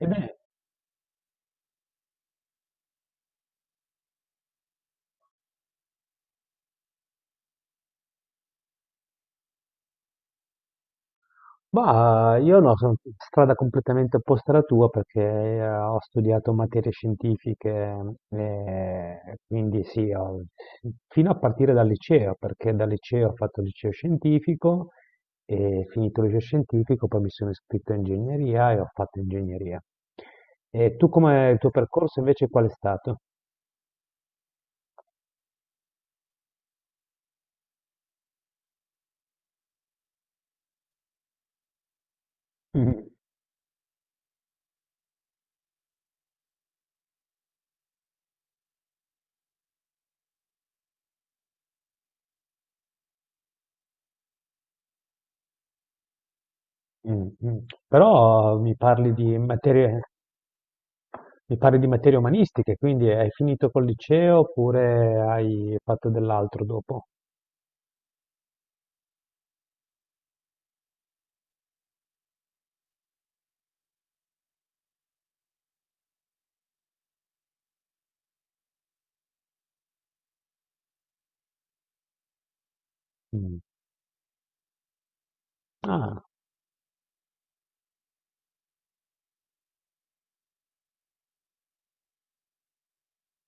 Ebbene, bah, io no, sono strada completamente opposta alla tua perché ho studiato materie scientifiche e quindi sì, fino a partire dal liceo, perché dal liceo ho fatto il liceo scientifico e finito il liceo scientifico poi mi sono iscritto a ingegneria e ho fatto ingegneria. E tu come il tuo percorso invece qual è stato? Mm, mm. Mm. Però mi parli di materie, Mi parli di materie umanistiche, quindi hai finito col liceo oppure hai fatto dell'altro dopo? Mm. Ah,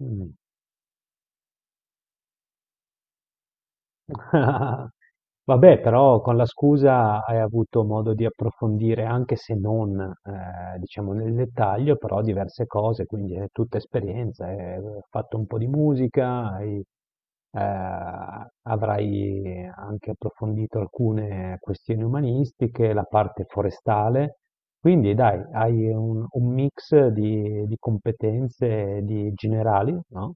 mm. Vabbè, però con la scusa hai avuto modo di approfondire, anche se non, diciamo nel dettaglio, però diverse cose, quindi è tutta esperienza. Hai fatto un po' di musica, avrai anche approfondito alcune questioni umanistiche, la parte forestale. Quindi dai, hai un mix di competenze di generali, no?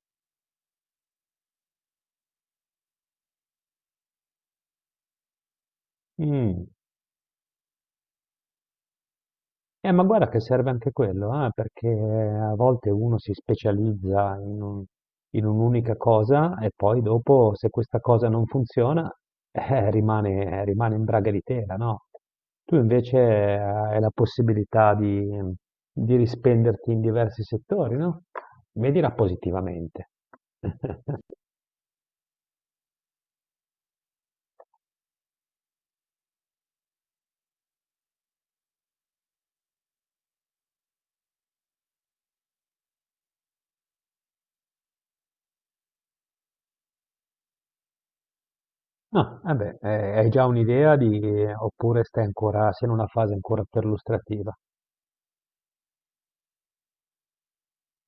Mm. Ma guarda che serve anche quello, perché a volte uno si specializza in un'unica cosa e poi dopo, se questa cosa non funziona, rimane in braga di tela, no? Tu invece hai la possibilità di rispenderti in diversi settori, no? Vedila positivamente. No, vabbè, hai già un'idea di, oppure stai ancora, sei in una fase ancora perlustrativa?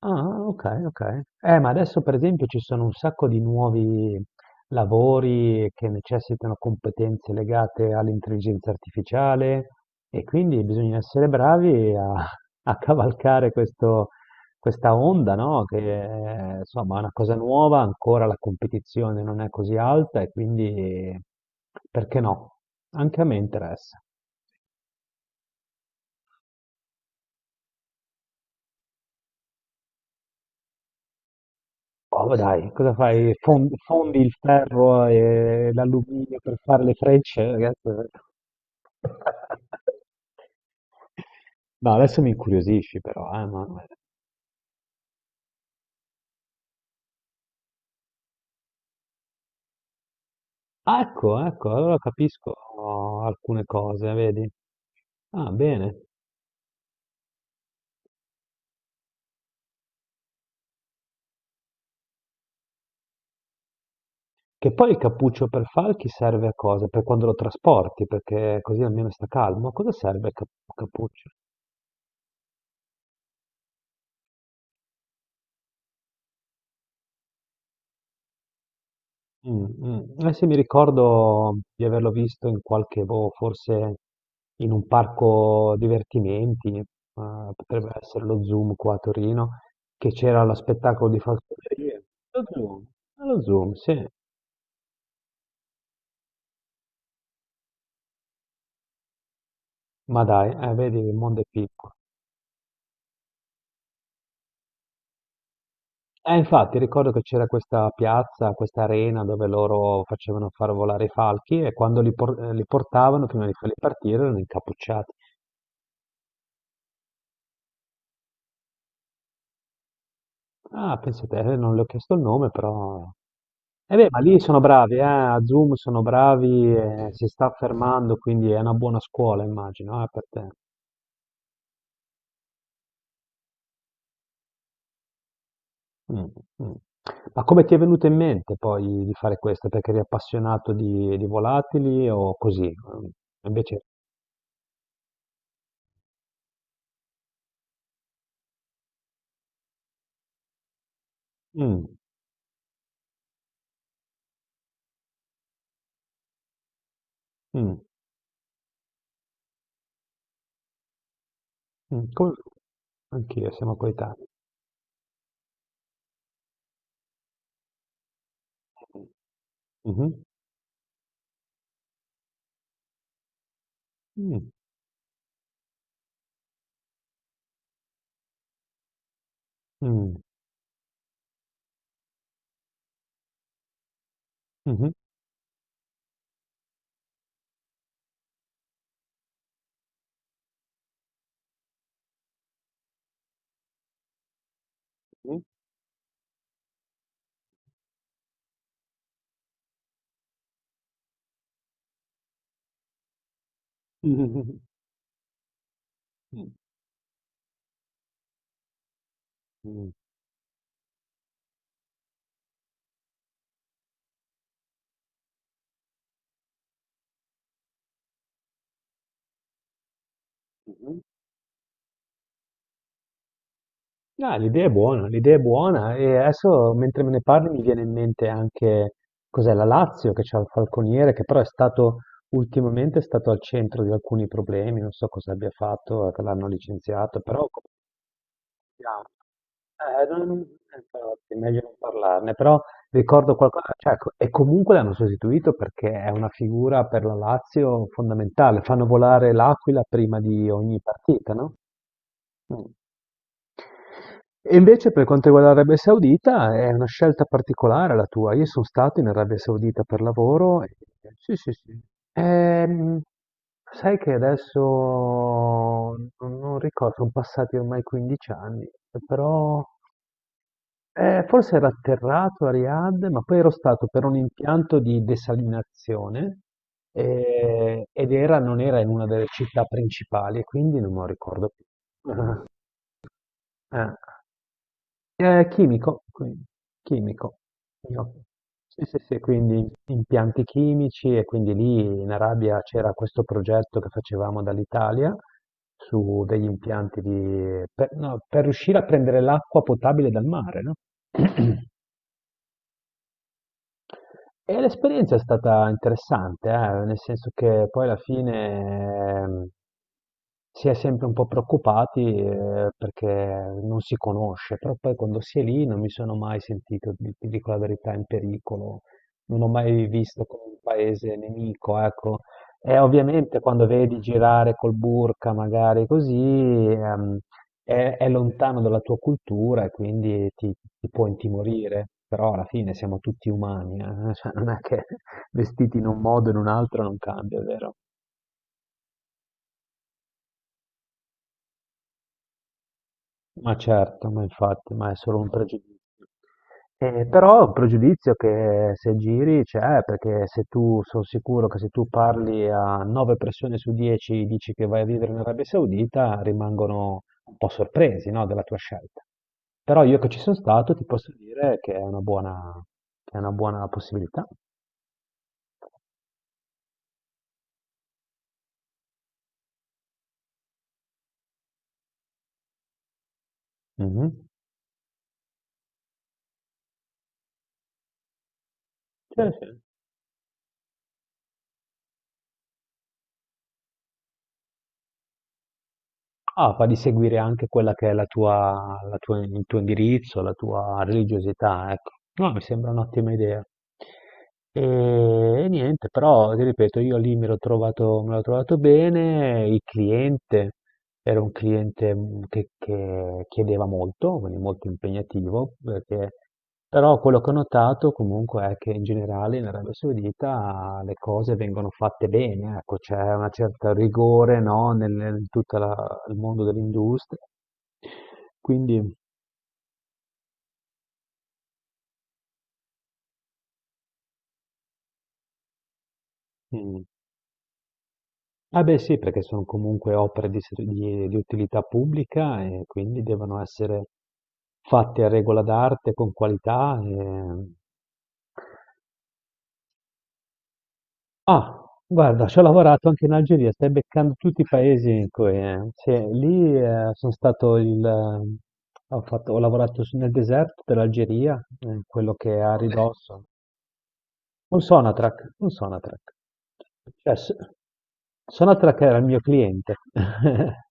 Ah, ok, ok. Ma adesso per esempio ci sono un sacco di nuovi lavori che necessitano competenze legate all'intelligenza artificiale e quindi bisogna essere bravi a cavalcare questa onda, no? Che è, insomma è una cosa nuova, ancora la competizione non è così alta e quindi perché no? Anche a me interessa. Oh, ma dai, cosa fai? Fondi il ferro e l'alluminio per fare le frecce, ragazzo? No, adesso mi incuriosisci però, Manuel. Ah, ecco, ecco, allora capisco alcune cose, vedi? Ah, bene. Che poi il cappuccio per falchi serve a cosa? Per quando lo trasporti, perché così almeno sta calmo. A cosa serve il cappuccio? Mh, Eh sì, mi ricordo di averlo visto in qualche boh, forse in un parco divertimenti, potrebbe essere lo Zoom qua a Torino, che c'era lo spettacolo di Falconerie. Lo Zoom, lo Zoom, sì. Ma dai, vedi il mondo è piccolo. Infatti ricordo che c'era questa piazza, questa arena dove loro facevano far volare i falchi e quando li portavano prima di farli partire erano incappucciati. Ah, pensa te, non le ho chiesto il nome, però. Eh beh, ma lì sono bravi, a Zoom sono bravi, si sta affermando, quindi è una buona scuola, immagino, per te. Mm, mm. Ma come ti è venuto in mente poi di fare questo? Perché eri appassionato di volatili o così? Mm, invece, mm, mm, mm, anch'io, siamo coetanei. Mhm, mm, mm, mhm, mhm, mhm, mhm, mhm, mhm. No, l'idea è buona e adesso mentre me ne parli mi viene in mente anche cos'è la Lazio che c'ha il falconiere che però è stato ultimamente è stato al centro di alcuni problemi, non so cosa abbia fatto, che l'hanno licenziato, però come si chiama? Infatti, è meglio non parlarne, però ricordo qualcosa, cioè, e comunque l'hanno sostituito perché è una figura per la Lazio fondamentale. Fanno volare l'Aquila prima di ogni partita, no? Mm. E invece per quanto riguarda l'Arabia Saudita è una scelta particolare la tua. Io sono stato in Arabia Saudita per lavoro e sì, sì, sì. Ehm, Sai che adesso non ricordo, sono passati ormai 15 anni, però forse era atterrato a Riyadh, ma poi ero stato per un impianto di desalinazione ed era, non era in una delle città principali, e quindi non me lo ricordo più. Ah. Chimico, quindi, chimico. Io- Sì, sì, sì, quindi impianti chimici e quindi lì in Arabia c'era questo progetto che facevamo dall'Italia su degli impianti di, per, no, per riuscire a prendere l'acqua potabile dal mare, no? E l'esperienza è stata interessante, nel senso che poi alla fine ehm, si è sempre un po' preoccupati perché non si conosce, però poi quando si è lì non mi sono mai sentito, ti dico la verità, in pericolo, non ho mai visto come un paese nemico, ecco. E ovviamente quando vedi girare col burka magari così, è lontano dalla tua cultura e quindi ti può intimorire, però alla fine siamo tutti umani, cioè, non è che vestiti in un modo o in un altro non cambia, vero? Ma certo, ma infatti, ma è solo un pregiudizio. Però è un pregiudizio che se giri c'è, perché se tu, sono sicuro che se tu parli a 9 persone su 10 dici che vai a vivere in Arabia Saudita, rimangono un po' sorpresi, no, della tua scelta. Però io che ci sono stato ti posso dire che è una buona, che è una buona possibilità. Mhm. Sì, sì. Ah, fa di seguire anche quella che è il tuo indirizzo, la tua religiosità, ecco. No, mi sembra un'ottima idea. E, e niente, però ti ripeto, io lì me l'ho trovato bene, il cliente. Era un cliente, che chiedeva molto, quindi molto impegnativo, perché però quello che ho notato comunque è che in generale in Arabia Saudita le cose vengono fatte bene, ecco, c'è una certa rigore, no, nel tutta la il mondo dell'industria. Quindi mh. Ah beh sì, perché son comunque opere di ser di utilità pubblica e quindi devono essere fatte a regola d'arte, con qualità. Ah, guarda, ci ho lavorato anche in Algeria, stai beccando tutti i paesi in cui. Sì, lì sono stato il. Ho fatto- ho lavorato su- Nel deserto dell'Algeria, quello che è a Dove? Ridosso. Un Sonatrack, un Sonatrack. Cioè, Sonatrack era il mio cliente.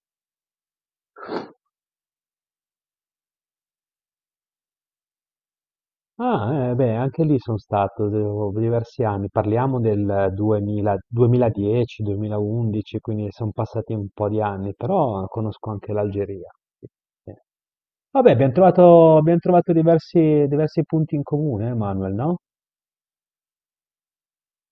Ah, beh, anche lì sono stato diversi anni, parliamo del 2000 2010, 2011, quindi sono passati un po' di anni, però conosco anche l'Algeria. Sì, sì. Vabbè, abbiamo trovato diversi punti in comune, Manuel, no?